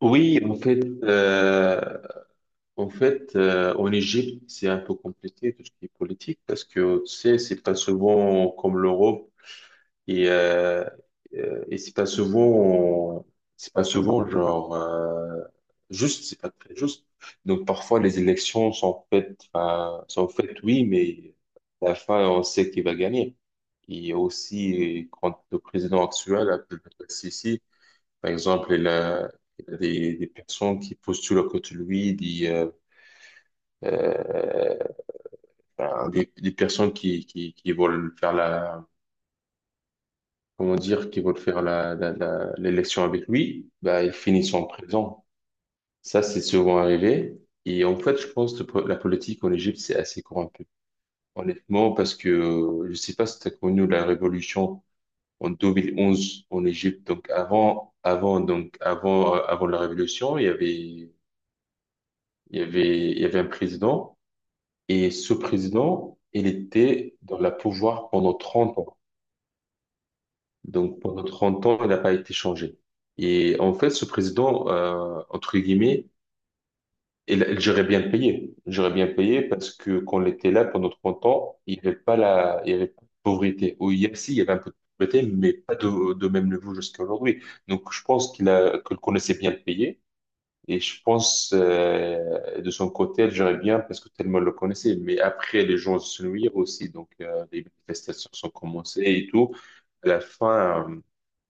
Oui, en fait, en Égypte, c'est un peu compliqué tout ce qui est politique parce que tu sais, c'est pas souvent comme l'Europe et euh, et c'est pas souvent genre juste, c'est pas très juste. Donc parfois les élections sont faites, enfin, sont faites oui, mais à la fin on sait qui va gagner. Et aussi quand le président actuel, Abdel Fattah el-Sisi, par exemple, il y a des personnes qui postulent à côté de lui, euh, ben, des personnes qui veulent faire la, comment dire, qui veulent faire l'élection avec lui, ben, ils finissent en prison. Ça, c'est souvent arrivé. Et en fait, je pense que la politique en Égypte, c'est assez corrompu. Honnêtement, parce que je sais pas si tu as connu la révolution en 2011 en Égypte. Donc avant, avant la révolution, il y avait Il y avait, il y avait un président et ce président, il était dans la pouvoir pendant 30 ans. Donc pendant 30 ans, il n'a pas été changé. Et en fait, ce président, entre guillemets, il gérait bien payé. Il gérait bien payé parce que quand il était là pendant 30 ans, il y avait pas de pauvreté. Ou si, il y avait un peu de pauvreté, mais pas de même niveau jusqu'à aujourd'hui. Donc je pense qu'il connaissait bien payé. Et je pense, de son côté, elle gérait bien parce que tellement elle le connaissait. Mais après, les gens se nuirent aussi. Donc, les manifestations sont commencées et tout. À la fin, euh,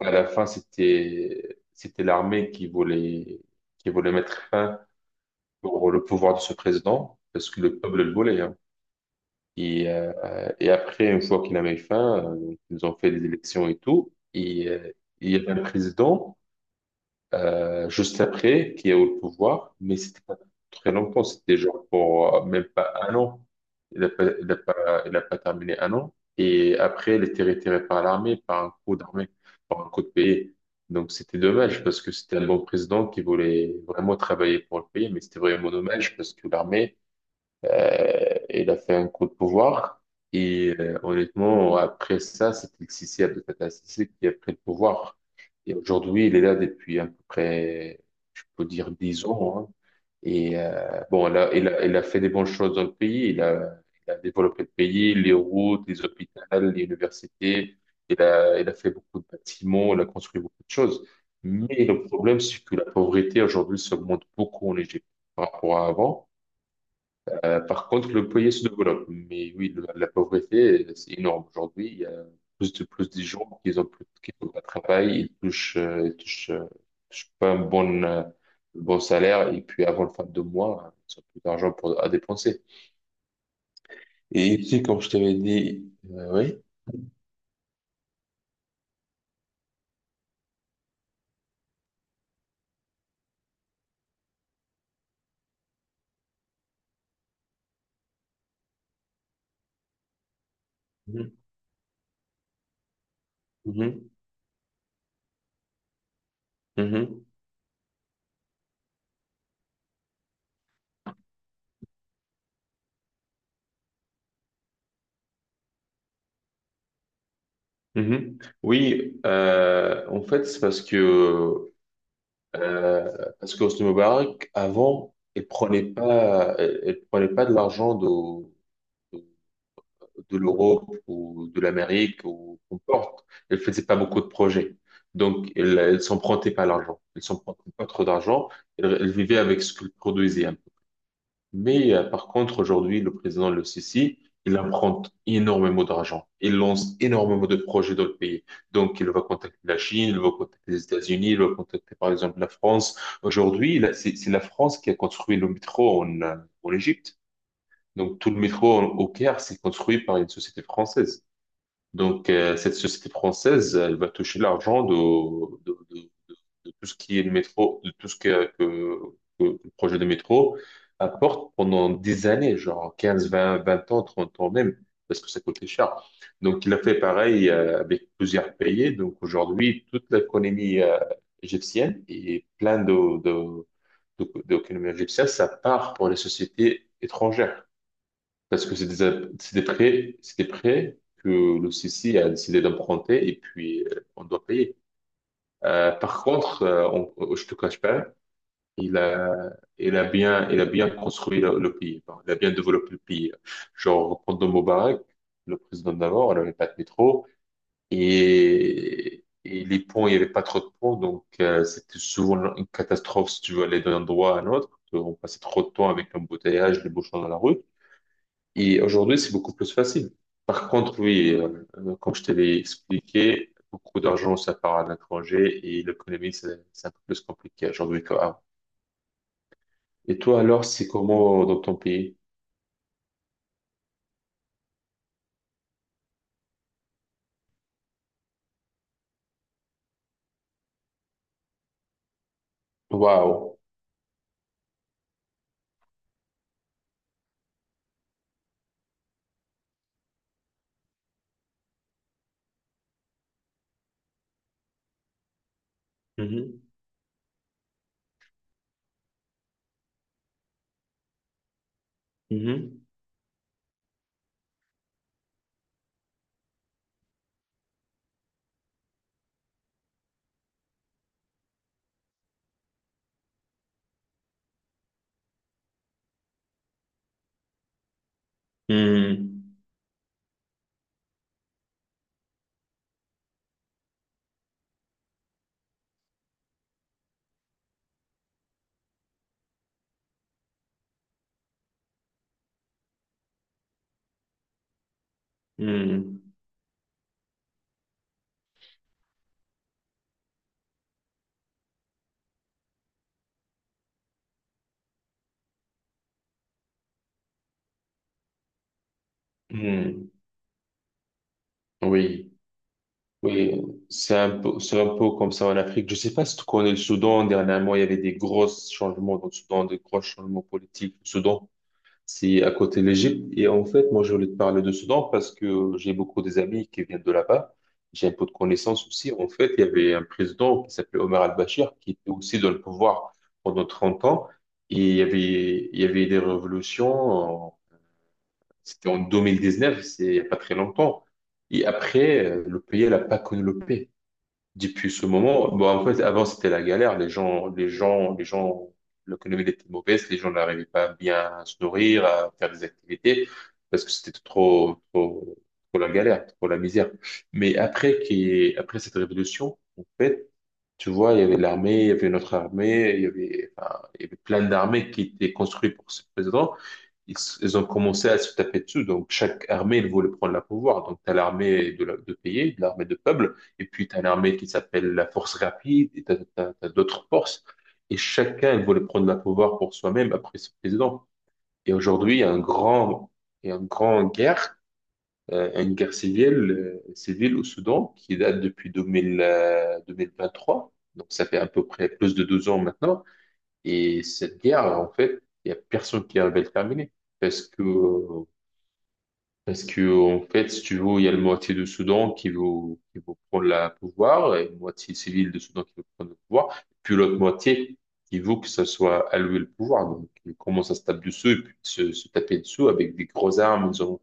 à la fin, c'était l'armée qui voulait mettre fin pour le pouvoir de ce président parce que le peuple le voulait, hein. Et, euh, et après, une fois qu'il avait fin, donc, ils ont fait des élections et tout. Et, il y avait un président juste après, qui est au pouvoir, mais c'était pas très longtemps, c'était genre pour même pas un an. Il n'a pas, il a pas, il a pas terminé un an. Et après, il était retiré par l'armée, par un coup d'armée, par un coup de pays. Donc c'était dommage parce que c'était un bon président qui voulait vraiment travailler pour le pays, mais c'était vraiment dommage parce que l'armée, il a fait un coup de pouvoir. Et honnêtement, après ça, c'est Sissi, Abdel Sissi, qui a pris le pouvoir. Et aujourd'hui, il est là depuis à peu près, je peux dire, dix ans, hein. Et bon, là, il a fait des bonnes choses dans le pays. Il a développé le pays, les routes, les hôpitaux, les universités. Il a fait beaucoup de bâtiments, il a construit beaucoup de choses. Mais le problème, c'est que la pauvreté aujourd'hui s'augmente beaucoup en Égypte par rapport à avant. Par contre, le foyer se développe. Mais oui, la pauvreté, c'est énorme. Aujourd'hui, il y a plus de gens qui ont plus, qui n'ont pas de travail, ils touchent pas un bon salaire. Et puis, avant le fin de mois, ils ont plus d'argent à dépenser. Et puis, comme je t'avais dit, oui. Mhm, mhm, mhm, mhm. Oui, en fait, c'est parce qu'Hosni Moubarak, avant, il prenait pas de l'argent de l'Europe ou de l'Amérique ou qu'importe. Elles faisaient pas beaucoup de projets. Donc, elles s'empruntaient pas l'argent. Elles s'empruntaient pas trop d'argent. Elles vivaient avec ce qu'elles produisaient, un peu. Mais par contre, aujourd'hui, le président le Sisi, il emprunte énormément d'argent. Il lance énormément de projets dans le pays. Donc, il va contacter la Chine, il va contacter les États-Unis, il va contacter par exemple la France. Aujourd'hui, là, c'est la France qui a construit le métro en, en Égypte. Donc tout le métro au Caire, c'est construit par une société française. Donc cette société française, elle va toucher l'argent de, de- de tout ce qui est le métro, de tout ce que le projet de métro apporte pendant des années, genre 15, 20, 20 ans, 30 ans même, parce que ça coûtait cher. Donc il a fait pareil avec plusieurs pays. Donc aujourd'hui, toute l'économie égyptienne et plein de, d'économie égyptienne, ça part pour les sociétés étrangères. Parce que c'est des prêts que le CC a décidé d'emprunter et puis on doit payer. Par contre, je te cache pas, il a, il a bien construit le pays. Bon, il a bien développé le pays. Genre, pendant Moubarak, le président d'avant, on n'avait pas de métro et les ponts, il n'y avait pas trop de ponts. Donc, c'était souvent une catastrophe si tu veux aller d'un endroit à un autre. On passait trop de temps avec l'embouteillage, les bouchons dans la rue. Et aujourd'hui, c'est beaucoup plus facile. Par contre, oui, comme je te l'ai expliqué, beaucoup d'argent, ça part à l'étranger et l'économie, c'est un peu plus compliqué aujourd'hui qu'avant. Et toi, alors, c'est comment dans ton pays? Waouh. Mhm. Mhm. Mhm. Mhm. Mhm. Oui, oui, c'est un peu comme ça en Afrique. Je sais pas si tu connais le Soudan. Dernièrement, il y avait des gros changements dans le Soudan, des gros changements politiques. Le Soudan, c'est à côté de l'Égypte. Et en fait, moi, je voulais te parler de Soudan parce que j'ai beaucoup des amis qui viennent de là-bas. J'ai un peu de connaissances aussi. En fait, il y avait un président qui s'appelait Omar al-Bashir qui était aussi dans le pouvoir pendant 30 ans. Il y avait des révolutions. C'était en 2019, c'est il n'y a pas très longtemps. Et après, le pays n'a pas connu le paix. Depuis ce moment, bon, en fait, avant, c'était la galère. L'économie était mauvaise. Les gens n'arrivaient pas bien à se nourrir, à faire des activités, parce que c'était trop, trop, trop la galère, trop la misère. Mais après cette révolution, en fait, tu vois, il y avait l'armée, il y avait notre armée, il y avait, enfin, il y avait plein d'armées qui étaient construites pour ce président ils, ils ont commencé à se taper dessus. Donc, chaque armée, elle voulaient prendre la pouvoir. Donc, tu as l'armée de, de pays, de l'armée de peuple, et puis tu as l'armée qui s'appelle la force rapide, et tu as, d'autres forces. Et chacun, il voulait prendre la pouvoir pour soi-même après ce président. Et aujourd'hui, il y a une grande guerre, une guerre civile au Soudan, qui date depuis 2000, 2023. Donc, ça fait à peu près plus de 2 ans maintenant. Et cette guerre, en fait, il n'y a personne qui arrive à le terminer. Parce que, euh, parce que, en fait, si tu veux, il y a la moitié du Soudan qui veut, prendre la pouvoir, et la moitié civile du Soudan qui veut prendre le pouvoir, puis l'autre moitié qui veut que ça soit alloué le pouvoir. Donc, ils commencent à se taper dessus, et puis se taper dessous avec des grosses armes. Ils ont,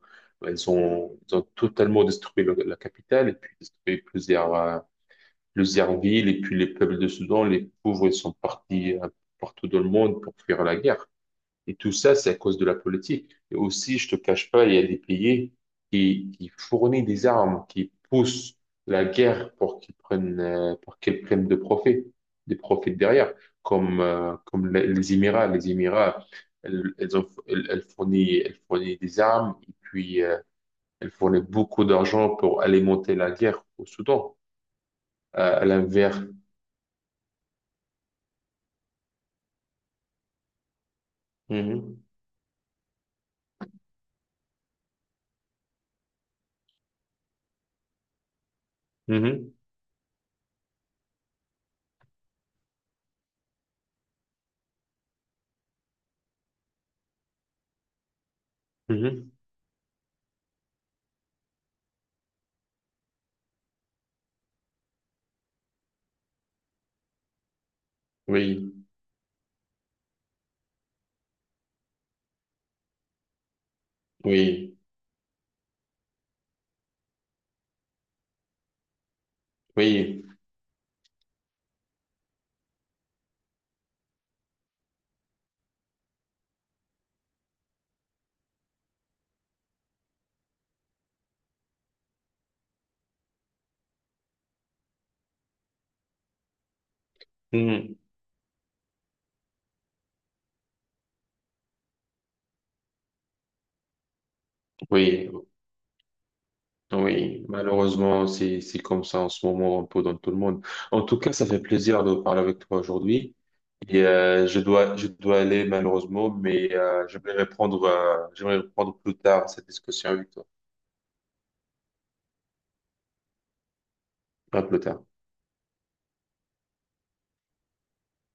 ils ont, ils ont totalement détruit la capitale, et puis détruit plusieurs, le Zerville et puis les peuples de Soudan, les pauvres, ils sont partis partout dans le monde pour fuir la guerre. Et tout ça, c'est à cause de la politique. Et aussi, je te cache pas, il y a des pays qui fournissent des armes, qui poussent la guerre pour qu'elles prennent de profit, des profits derrière, comme, comme les Émirats. Les Émirats, elles, elles ont, elles, elles fournissent des armes et puis elles fournissent beaucoup d'argent pour alimenter la guerre au Soudan. À l'inverse. Mhm. Mhm. Mhm. Oui, oui, oui, mhm. Oui, oui. Malheureusement, c'est comme ça en ce moment, un peu dans tout le monde. En tout cas, ça fait plaisir de parler avec toi aujourd'hui. Et je dois aller malheureusement, mais j'aimerais reprendre plus tard cette discussion avec toi. À plus tard.